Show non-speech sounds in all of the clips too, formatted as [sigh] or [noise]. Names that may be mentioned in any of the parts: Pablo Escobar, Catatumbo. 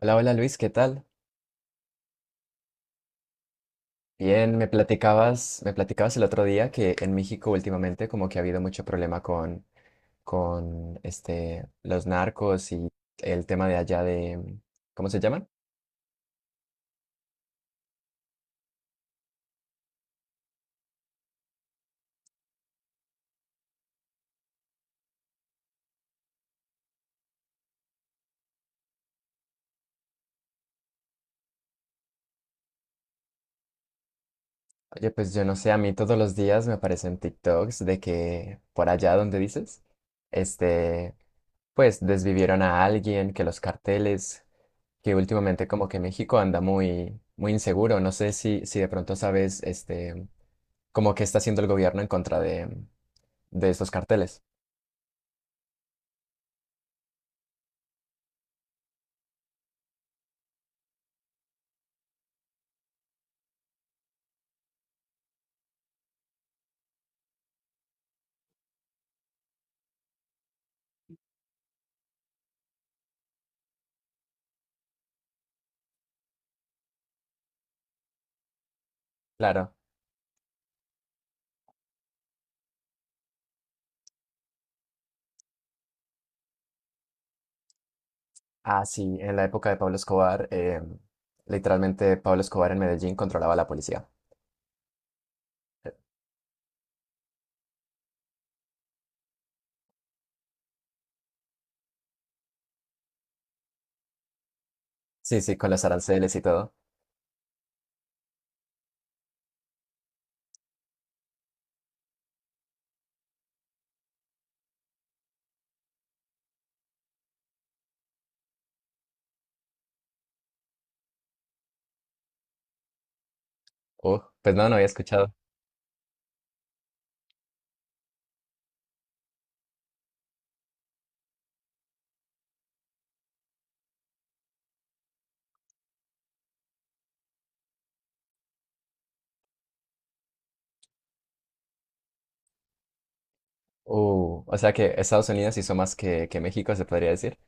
Hola, hola Luis, ¿qué tal? Bien, me platicabas el otro día que en México últimamente como que ha habido mucho problema con los narcos y el tema de allá de, ¿cómo se llaman? Oye, pues yo no sé, a mí todos los días me aparecen TikToks de que por allá donde dices, este, pues desvivieron a alguien, que los carteles, que últimamente como que México anda muy, muy inseguro. No sé si de pronto sabes, como que está haciendo el gobierno en contra de estos carteles. Claro. Ah, sí, en la época de Pablo Escobar, literalmente Pablo Escobar en Medellín controlaba a la policía. Sí, sí, con los aranceles y todo. Pues no, no había escuchado. O sea que Estados Unidos hizo más que México, se podría decir.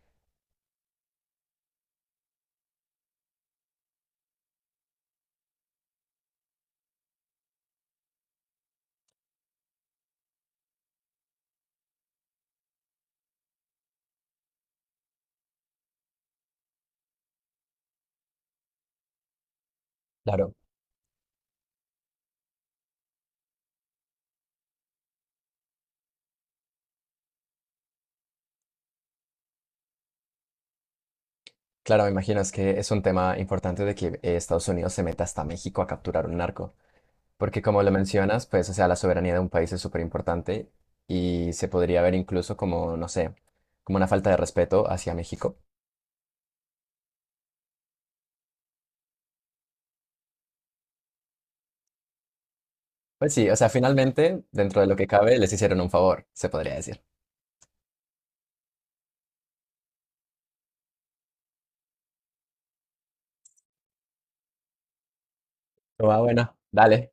Claro, claro, me imagino, es que es un tema importante de que Estados Unidos se meta hasta México a capturar un narco. Porque como lo mencionas, pues, o sea, la soberanía de un país es súper importante y se podría ver incluso como, no sé, como una falta de respeto hacia México. Pues sí, o sea, finalmente, dentro de lo que cabe, les hicieron un favor, se podría decir. Pero va, bueno, dale.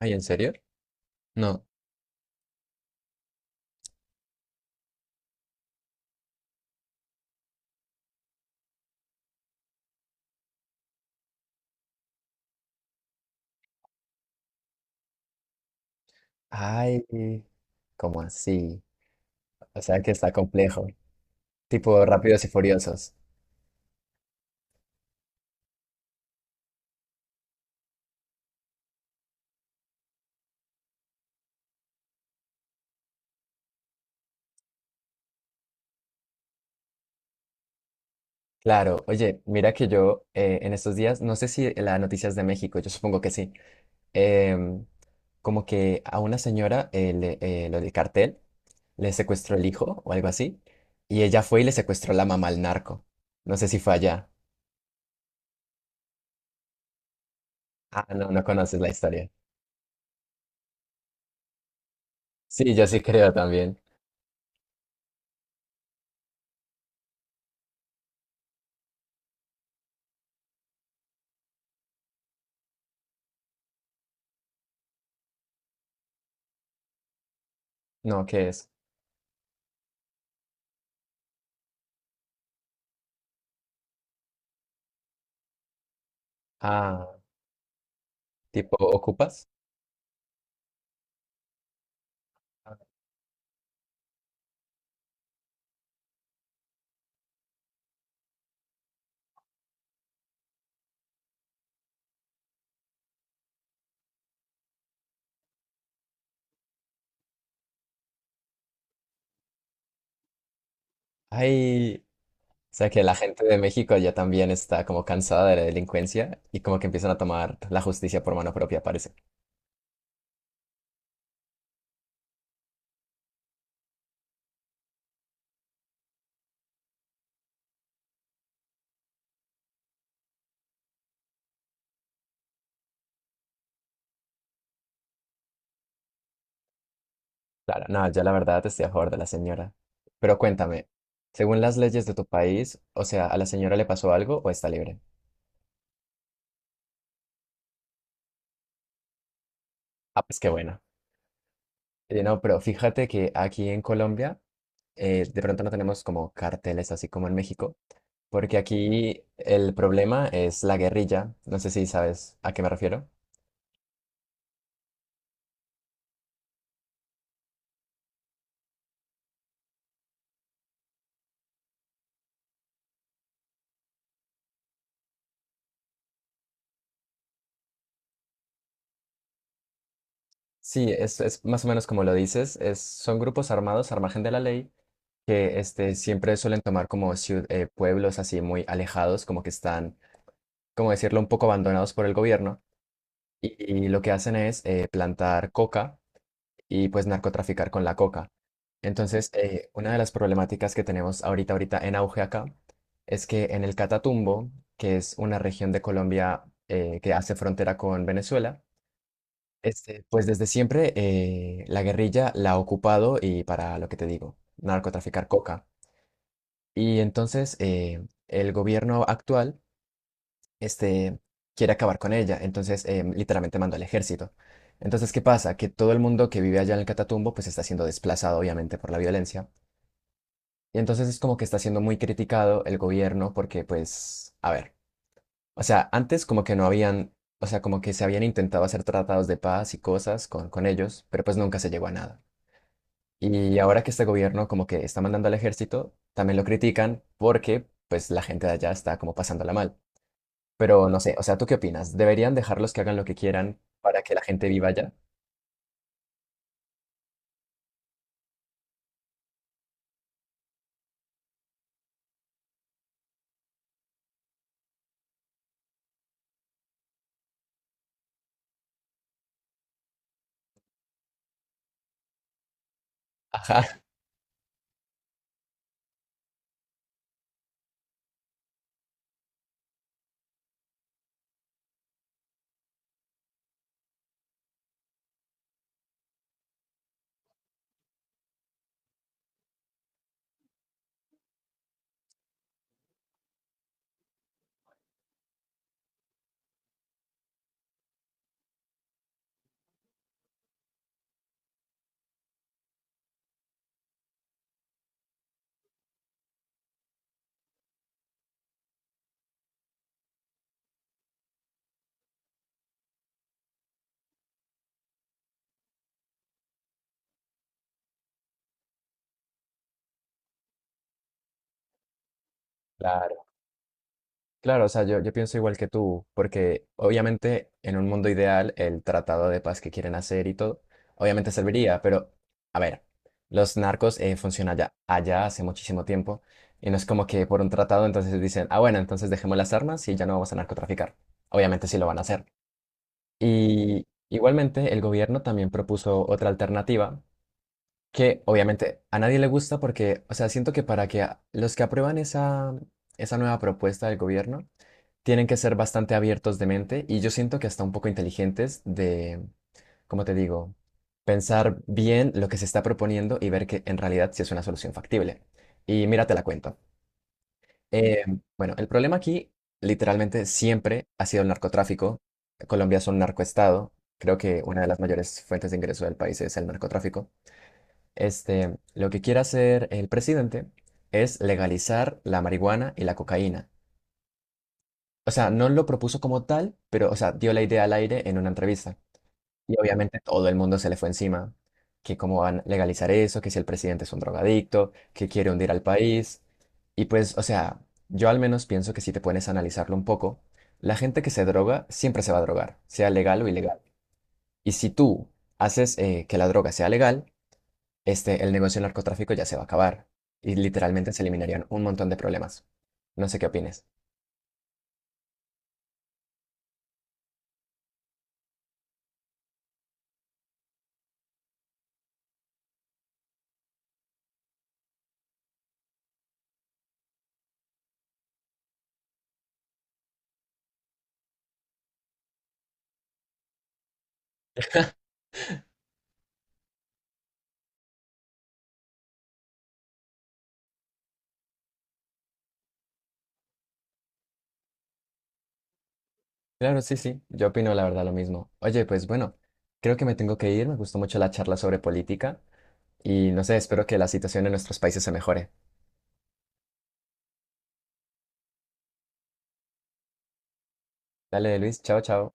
Ay, ¿en serio? No. Ay, ¿cómo así? O sea, que está complejo. Tipo Rápidos y Furiosos. Claro, oye, mira que yo en estos días, no sé si la noticias de México, yo supongo que sí. em, Como que a una señora, lo del cartel, le secuestró el hijo o algo así, y ella fue y le secuestró la mamá al narco. No sé si fue allá. Ah, no, no conoces la historia. Sí, yo sí creo también. No, ¿qué es? Ah, tipo, ¿ocupas? Ay, o sea que la gente de México ya también está como cansada de la delincuencia y como que empiezan a tomar la justicia por mano propia, parece. Claro, no, yo la verdad estoy a favor de la señora. Pero cuéntame, según las leyes de tu país, o sea, ¿a la señora le pasó algo o está libre? Ah, pues qué bueno. No, pero fíjate que aquí en Colombia, de pronto no tenemos como carteles así como en México, porque aquí el problema es la guerrilla. No sé si sabes a qué me refiero. Sí, es más o menos como lo dices, es, son grupos armados al margen de la ley que siempre suelen tomar como pueblos así muy alejados, como que están como decirlo, un poco abandonados por el gobierno y, y lo que hacen es plantar coca y pues narcotraficar con la coca. Entonces, una de las problemáticas que tenemos ahorita, ahorita en auge acá, es que en el Catatumbo, que es una región de Colombia que hace frontera con Venezuela, pues desde siempre la guerrilla la ha ocupado y para lo que te digo, narcotraficar coca. Y entonces el gobierno actual este, quiere acabar con ella, entonces literalmente mandó al ejército. Entonces, ¿qué pasa? Que todo el mundo que vive allá en el Catatumbo pues está siendo desplazado obviamente por la violencia. Y entonces es como que está siendo muy criticado el gobierno porque pues, a ver, o sea, antes como que no habían, o sea, como que se habían intentado hacer tratados de paz y cosas con ellos, pero pues nunca se llegó a nada. Y ahora que este gobierno como que está mandando al ejército, también lo critican porque pues la gente de allá está como pasándola mal. Pero no sé, o sea, ¿tú qué opinas? ¿Deberían dejarlos que hagan lo que quieran para que la gente viva allá? Ajá, [laughs] claro. Claro, o sea, yo pienso igual que tú, porque obviamente en un mundo ideal el tratado de paz que quieren hacer y todo, obviamente serviría, pero a ver, los narcos funcionan allá, allá hace muchísimo tiempo, y no es como que por un tratado entonces dicen, ah, bueno, entonces dejemos las armas y ya no vamos a narcotraficar. Obviamente sí lo van a hacer. Y igualmente el gobierno también propuso otra alternativa que obviamente a nadie le gusta porque, o sea, siento que para que los que aprueban esa nueva propuesta del gobierno tienen que ser bastante abiertos de mente y yo siento que hasta un poco inteligentes de, como te digo? Pensar bien lo que se está proponiendo y ver que en realidad sí es una solución factible. Y mira, te la cuento. Eh, bueno, el problema aquí literalmente siempre ha sido el narcotráfico. Colombia es un narcoestado. Creo que una de las mayores fuentes de ingreso del país es el narcotráfico. Lo que quiere hacer el presidente es legalizar la marihuana y la cocaína. O sea, no lo propuso como tal, pero, o sea, dio la idea al aire en una entrevista. Y obviamente todo el mundo se le fue encima, que cómo van a legalizar eso, que si el presidente es un drogadicto, que quiere hundir al país. Y pues, o sea, yo al menos pienso que si te pones a analizarlo un poco, la gente que se droga siempre se va a drogar, sea legal o ilegal. Y si tú haces que la droga sea legal, el negocio del narcotráfico ya se va a acabar y literalmente se eliminarían un montón de problemas. No sé qué opines. Claro, sí, sí, yo opino la verdad lo mismo. Oye, pues bueno, creo que me tengo que ir, me gustó mucho la charla sobre política y no sé, espero que la situación en nuestros países se mejore. Dale, Luis, chao, chao.